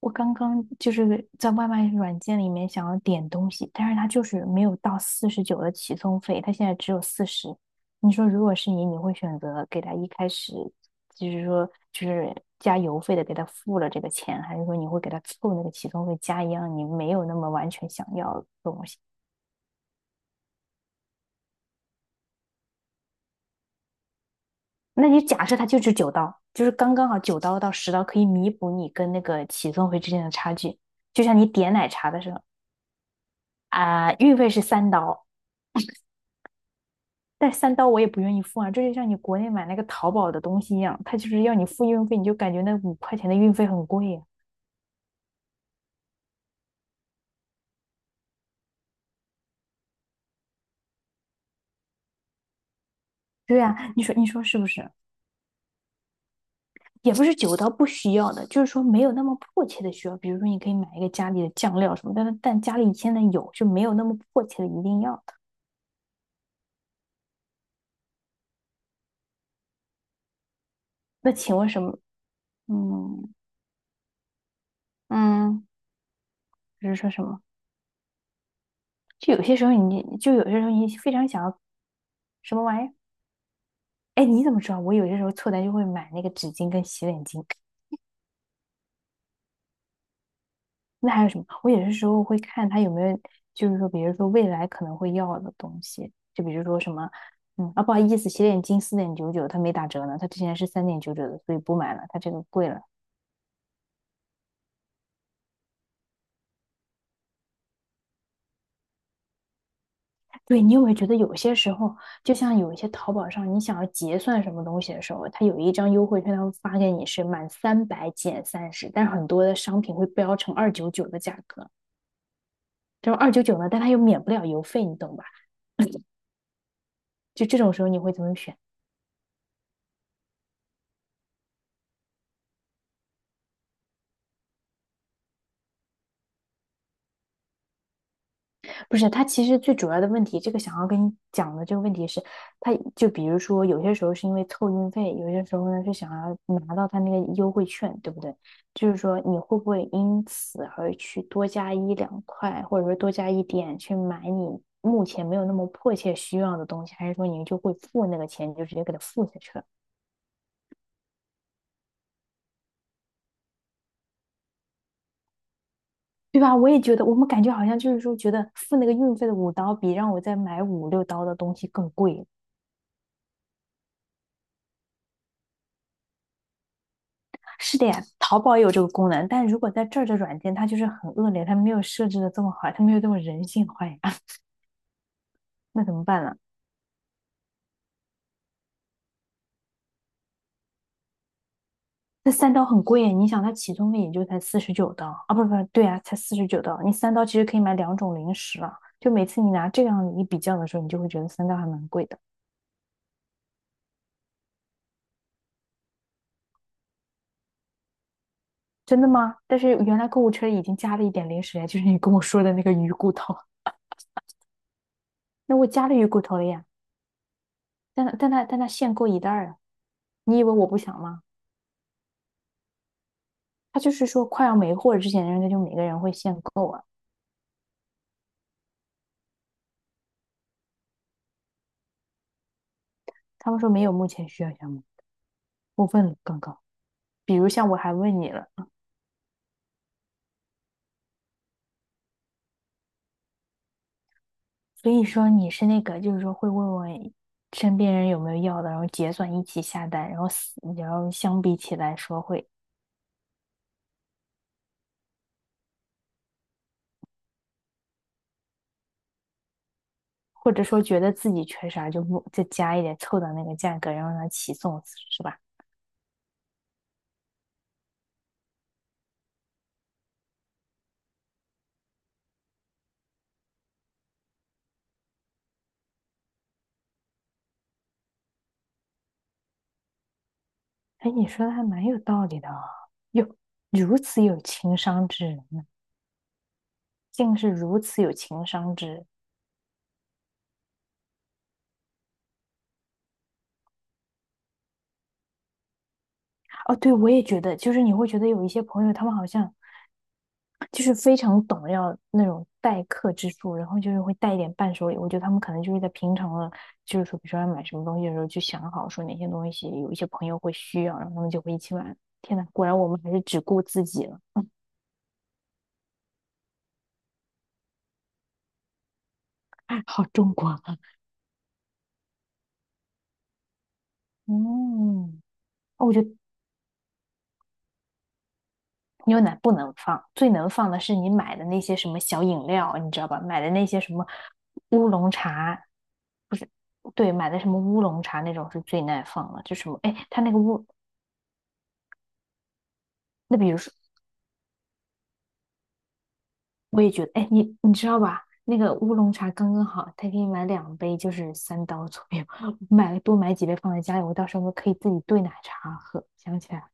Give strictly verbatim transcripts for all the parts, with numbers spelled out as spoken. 我刚刚就是在外卖软件里面想要点东西，但是它就是没有到四十九的起送费，它现在只有四十。你说如果是你，你会选择给他一开始就是说就是加邮费的给他付了这个钱，还是说你会给他凑那个起送费加一样你没有那么完全想要的东西？那你假设它就是九刀，就是刚刚好九刀到十刀可以弥补你跟那个起送费之间的差距，就像你点奶茶的时候啊、运费是三刀。但三刀我也不愿意付啊，这就像你国内买那个淘宝的东西一样，它就是要你付运费，你就感觉那五块钱的运费很贵呀。对啊，你说你说是不是？也不是九刀不需要的，就是说没有那么迫切的需要。比如说，你可以买一个家里的酱料什么，但是但家里现在有，就没有那么迫切的一定要那请问什么？嗯嗯，就是说什么？就有些时候你就有些时候你非常想要什么玩意儿？哎，你怎么知道？我有些时候凑单就会买那个纸巾跟洗脸巾。那还有什么？我有些时候会看他有没有，就是说，比如说未来可能会要的东西，就比如说什么，嗯，啊，不好意思，洗脸巾四点九九，它没打折呢，它之前是三点九九的，所以不买了，它这个贵了。对，你有没有觉得有些时候，就像有一些淘宝上，你想要结算什么东西的时候，它有一张优惠券，它会发给你是满三百减三十，但是很多的商品会标成二九九的价格，这种二九九呢，但它又免不了邮费，你懂吧？就这种时候，你会怎么选？不是，他其实最主要的问题，这个想要跟你讲的这个问题是，他就比如说有些时候是因为凑运费，有些时候呢是想要拿到他那个优惠券，对不对？就是说你会不会因此而去多加一两块，或者说多加一点去买你目前没有那么迫切需要的东西，还是说你就会付那个钱，你就直接给他付下去了，对吧？我也觉得，我们感觉好像就是说，觉得付那个运费的五刀比让我再买五六刀的东西更贵。是的呀，淘宝也有这个功能，但如果在这儿的软件，它就是很恶劣，它没有设置的这么好，它没有这么人性化呀，那怎么办呢？那三刀很贵耶，你想它起送费也就才四十九刀啊，不不对啊，才四十九刀，你三刀其实可以买两种零食了。就每次你拿这样一比较的时候，你就会觉得三刀还蛮贵的，真的吗？但是原来购物车里已经加了一点零食呀，就是你跟我说的那个鱼骨头，那我加了鱼骨头了呀，但但它但它限购一袋啊，你以为我不想吗？他就是说快要没货之前，人家就每个人会限购啊。他们说没有目前需要项目，我问了刚刚，比如像我还问你了，所以说你是那个就是说会问问身边人有没有要的，然后结算一起下单，然后死然后相比起来说会，或者说觉得自己缺啥就不再加一点凑到那个价格，然后让它起送是吧？哎，你说的还蛮有道理的啊，哟，如此有情商之人呢，竟是如此有情商之人。哦，对，我也觉得，就是你会觉得有一些朋友，他们好像就是非常懂要那种待客之术，然后就是会带一点伴手礼。我觉得他们可能就是在平常的，就是说，比如说要买什么东西的时候，就想好说哪些东西有一些朋友会需要，然后他们就会一起买。天呐，果然我们还是只顾自己了，好中国啊！嗯，哦，我觉得牛奶不能放，最能放的是你买的那些什么小饮料，你知道吧？买的那些什么乌龙茶，对，买的什么乌龙茶那种是最耐放了，就什么，哎，它那个乌，那比如说，我也觉得，哎，你你知道吧？那个乌龙茶刚刚好，他可以买两杯，就是三刀左右，买了多买几杯放在家里，我到时候可以自己兑奶茶喝。想起来了，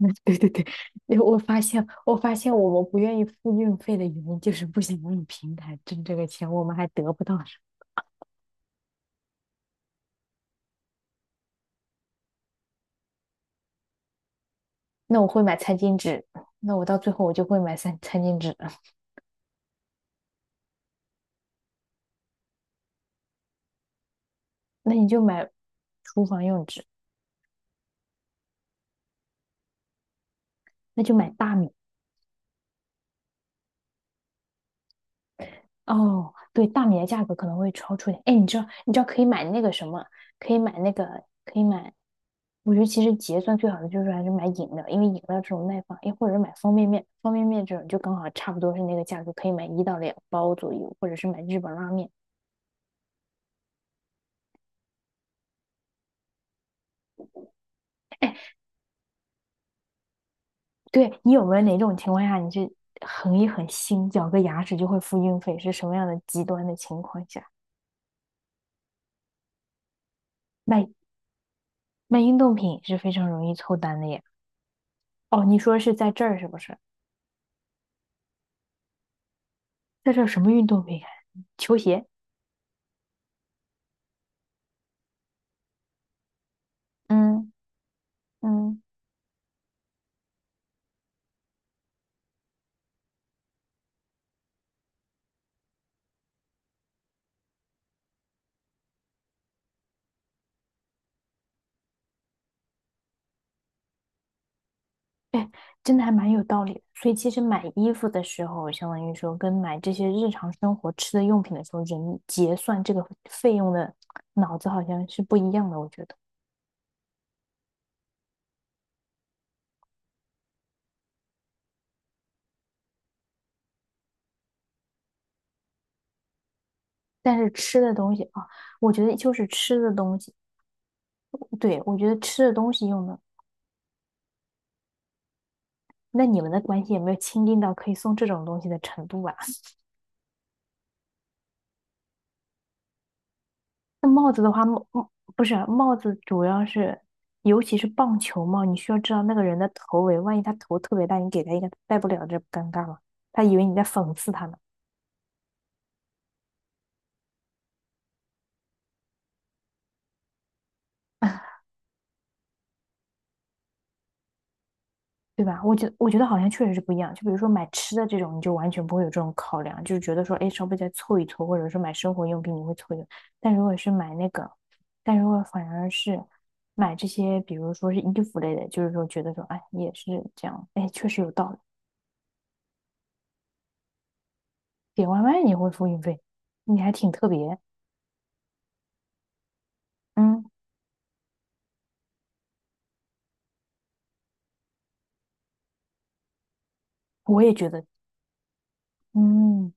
对对对，因为我发现，我发现我们不愿意付运费的原因就是不想让平台挣这个钱，我们还得不到什么。那我会买餐巾纸，那我到最后我就会买三餐巾纸，那你就买厨房用纸，那就买大米哦，对，大米的价格可能会超出一点。哎，你知道，你知道可以买那个什么，可以买那个，可以买。我觉得其实结算最好的就是还是买饮料，因为饮料这种耐放，哎，或者是买方便面，方便面这种就刚好差不多是那个价格，可以买一到两包左右，或者是买日本拉面。哎，对，你有没有哪种情况下你是横一横心，咬个牙齿就会付运费？是什么样的极端的情况下？卖卖运动品是非常容易凑单的耶。哦，你说是在这儿是不是？在这儿什么运动可以看？球鞋。嗯嗯，哎，真的还蛮有道理的。所以其实买衣服的时候，相当于说跟买这些日常生活吃的用品的时候，人结算这个费用的脑子好像是不一样的，我觉得。但是吃的东西啊，我觉得就是吃的东西，对，我觉得吃的东西用的，那你们的关系有没有亲近到可以送这种东西的程度啊？那帽子的话，帽帽不是帽子，主要是尤其是棒球帽，你需要知道那个人的头围，万一他头特别大，你给他一个他戴不了，这不尴尬吗？他以为你在讽刺他呢，对吧？我觉我觉得好像确实是不一样。就比如说买吃的这种，你就完全不会有这种考量，就是觉得说，哎，稍微再凑一凑，或者说买生活用品，你会凑一凑。但如果是买那个，但如果反而是买这些，比如说是衣服类的，就是说觉得说，哎，也是这样，哎，确实有道理。点外卖你会付运费，你还挺特别。嗯我也觉得，嗯，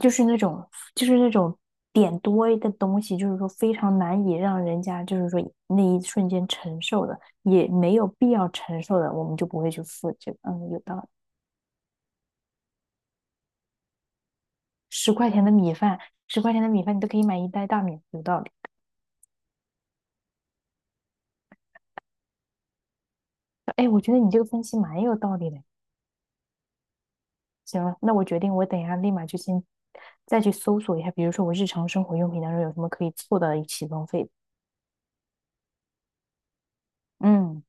就是那种，就是那种点多的东西，就是说非常难以让人家，就是说那一瞬间承受的，也没有必要承受的，我们就不会去付。这个，嗯，有道理。十块钱的米饭，十块钱的米饭你都可以买一袋大米，有道理。哎，我觉得你这个分析蛮有道理的。行了，那我决定，我等一下立马就先再去搜索一下，比如说我日常生活用品当中有什么可以凑到一起浪费的嗯，